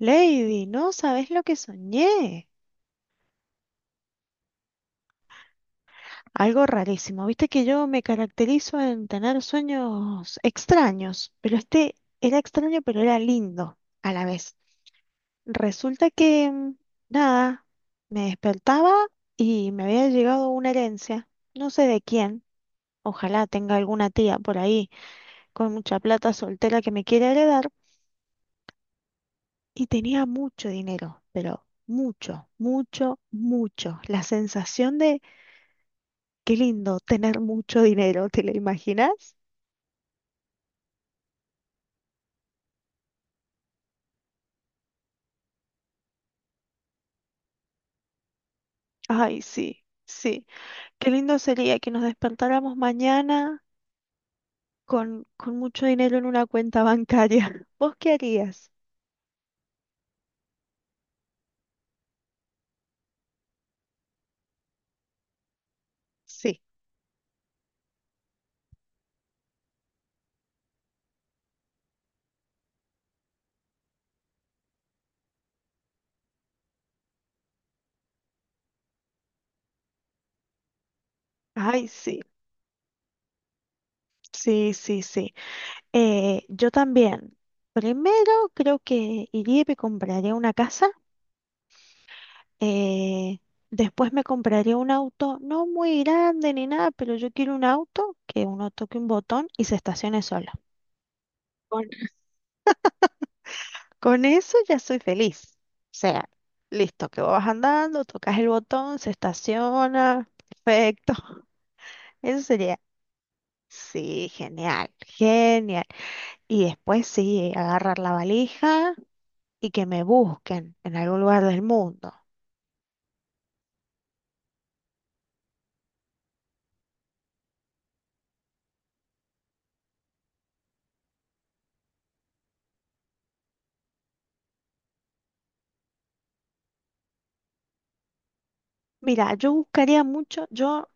Lady, no sabes lo que soñé. Algo rarísimo. Viste que yo me caracterizo en tener sueños extraños, pero este era extraño, pero era lindo a la vez. Resulta que, nada, me despertaba y me había llegado una herencia, no sé de quién. Ojalá tenga alguna tía por ahí con mucha plata soltera que me quiera heredar. Y tenía mucho dinero, pero mucho, mucho, mucho. La sensación. Qué lindo tener mucho dinero, ¿te lo imaginas? Ay, sí, sí. Qué lindo sería que nos despertáramos mañana con mucho dinero en una cuenta bancaria. ¿Vos qué harías? Sí. Ay, sí, sí, sí, sí. Yo también. Primero creo que iría y me compraría una casa. eh, Después me compraría un auto, no muy grande ni nada, pero yo quiero un auto que uno toque un botón y se estacione solo. Con eso ya soy feliz. O sea, listo, que vas andando, tocas el botón, se estaciona, perfecto. Eso sería, sí, genial, genial. Y después sí, agarrar la valija y que me busquen en algún lugar del mundo. Mira, yo buscaría mucho, yo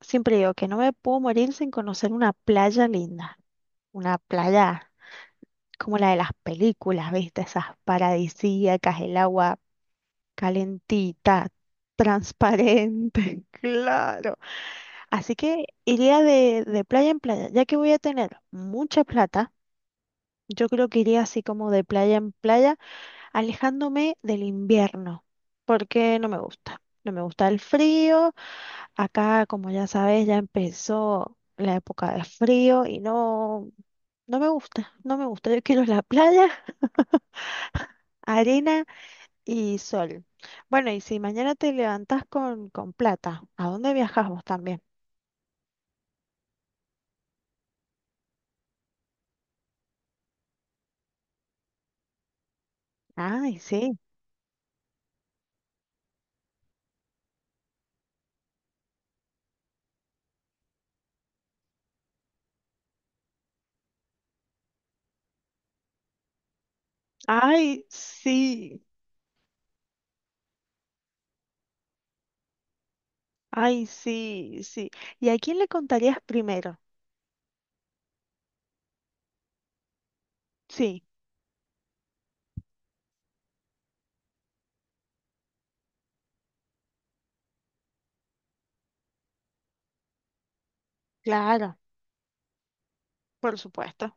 siempre digo que no me puedo morir sin conocer una playa linda, una playa, como la de las películas, ¿viste? Esas paradisíacas, el agua calentita, transparente, claro. Así que iría de playa en playa, ya que voy a tener mucha plata, yo creo que iría así como de playa en playa, alejándome del invierno, porque no me gusta. No me gusta el frío. Acá, como ya sabes, ya empezó la época de frío y no, no me gusta, no me gusta. Yo quiero la playa, arena y sol. Bueno, y si mañana te levantas con plata, ¿a dónde viajamos también? Ay, sí. Ay, sí. Ay, sí, sí. ¿Y a quién le contarías primero? Sí, claro, por supuesto.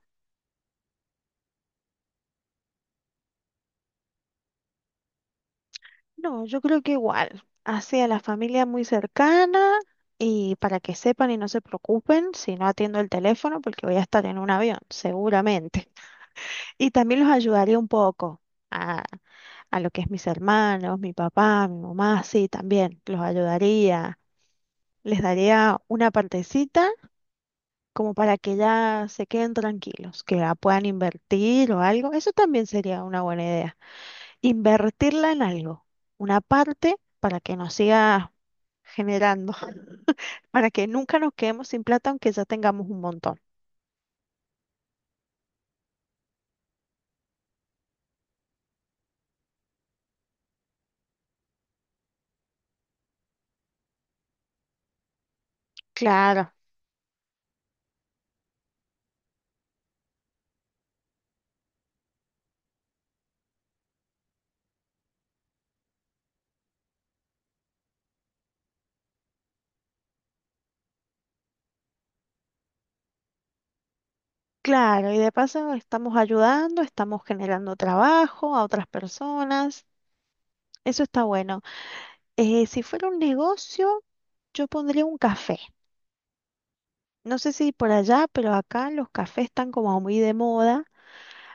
No, yo creo que igual. Así a la familia muy cercana y para que sepan y no se preocupen si no atiendo el teléfono porque voy a estar en un avión, seguramente. Y también los ayudaría un poco a lo que es mis hermanos, mi papá, mi mamá, sí, también los ayudaría, les daría una partecita como para que ya se queden tranquilos, que la puedan invertir o algo, eso también sería una buena idea, invertirla en algo, una parte para que nos siga generando, para que nunca nos quedemos sin plata aunque ya tengamos un montón. Claro. Claro, y de paso estamos ayudando, estamos generando trabajo a otras personas. Eso está bueno. Si fuera un negocio, yo pondría un café. No sé si por allá, pero acá los cafés están como muy de moda.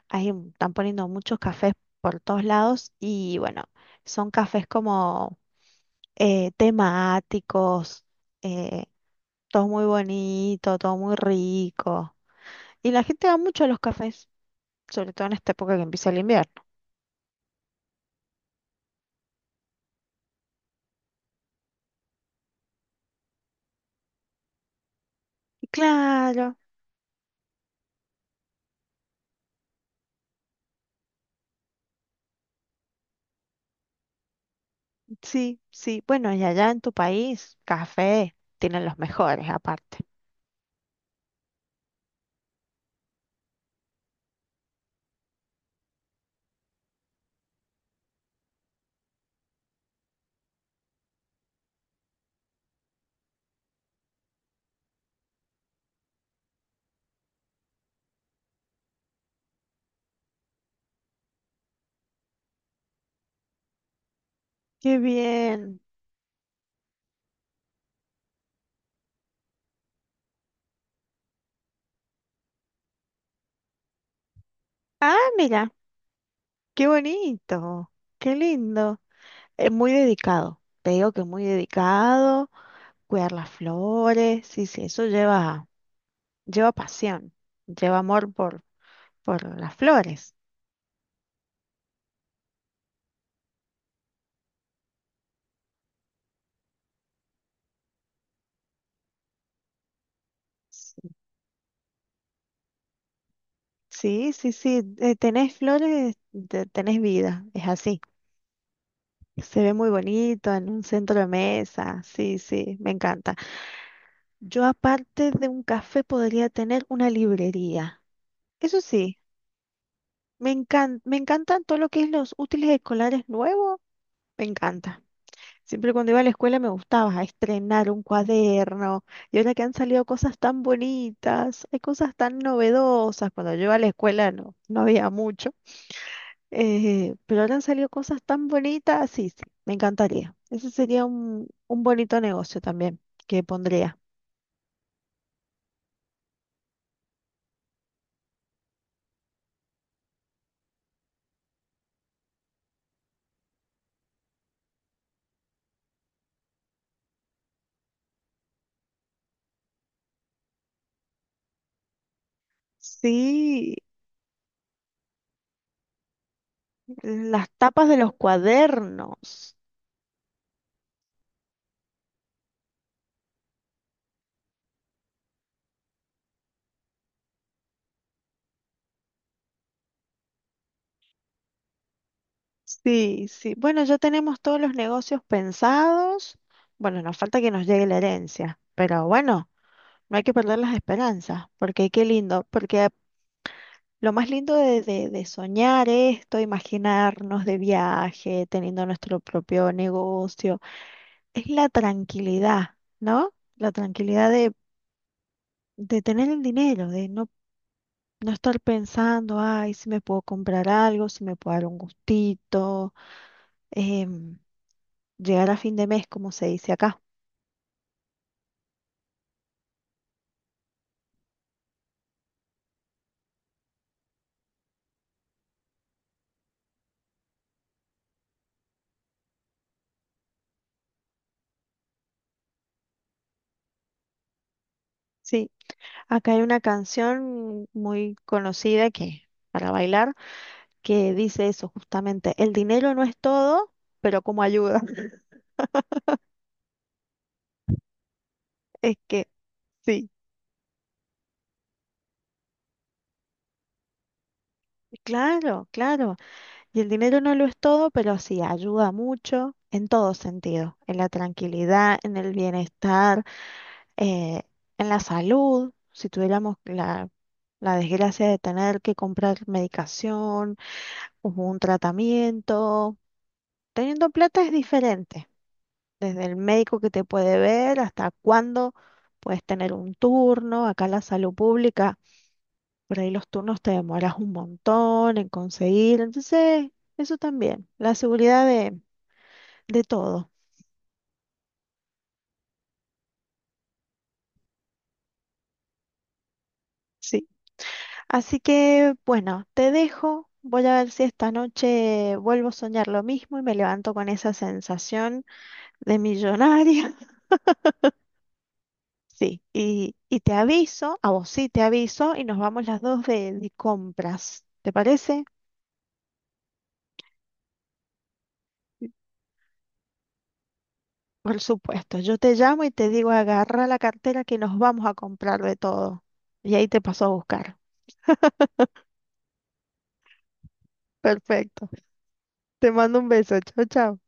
Ahí están poniendo muchos cafés por todos lados y bueno, son cafés como temáticos, eh, todo muy bonito, todo muy rico. Y la gente va mucho a los cafés, sobre todo en esta época que empieza el invierno. Claro, sí, sí. Bueno, y allá en tu país, café tienen los mejores aparte. Qué bien. Ah, mira, qué bonito, qué lindo. Es muy dedicado, te digo que muy dedicado, cuidar las flores, sí, sí, eso lleva, lleva pasión, lleva amor por las flores. Sí, sí, sí, tenés flores, tenés vida, es así. Se ve muy bonito en un centro de mesa, sí, sí, me encanta. Yo aparte de un café podría tener una librería, eso sí. Me encantan todo lo que es los útiles escolares nuevos, me encanta. Siempre cuando iba a la escuela me gustaba estrenar un cuaderno y ahora que han salido cosas tan bonitas, hay cosas tan novedosas. Cuando yo iba a la escuela no, no había mucho, pero ahora han salido cosas tan bonitas, sí, sí, me encantaría. Ese sería un bonito negocio también que pondría. Sí, las tapas de los cuadernos. Sí, sí. Bueno, ya tenemos todos los negocios pensados. Bueno, nos falta que nos llegue la herencia, pero bueno, no hay que perder las esperanzas, porque qué lindo, porque lo más lindo de soñar esto, imaginarnos de viaje, teniendo nuestro propio negocio, es la tranquilidad, ¿no? La tranquilidad de tener el dinero, de no, no estar pensando, ay, si me puedo comprar algo, si me puedo dar un gustito. em, Llegar a fin de mes, como se dice acá. Sí, acá hay una canción muy conocida que para bailar que dice eso justamente, el dinero no es todo, pero como ayuda. Es que sí, claro, claro. Y el dinero no lo es todo, pero sí ayuda mucho en todo sentido, en la tranquilidad, en el bienestar, eh, en la salud. Si tuviéramos la, la desgracia de tener que comprar medicación o un tratamiento. Teniendo plata es diferente, desde el médico que te puede ver hasta cuándo puedes tener un turno. Acá en la salud pública, por ahí los turnos te demoras un montón en conseguir. Entonces, eso también, la seguridad de todo. Sí. Así que, bueno, te dejo. Voy a ver si esta noche vuelvo a soñar lo mismo y me levanto con esa sensación de millonaria. Sí, y te aviso, a vos sí te aviso, y nos vamos las dos de compras. ¿Te parece? Por supuesto, yo te llamo y te digo, agarra la cartera que nos vamos a comprar de todo. Y ahí te paso a buscar. Perfecto. Te mando un beso. Chao, chao.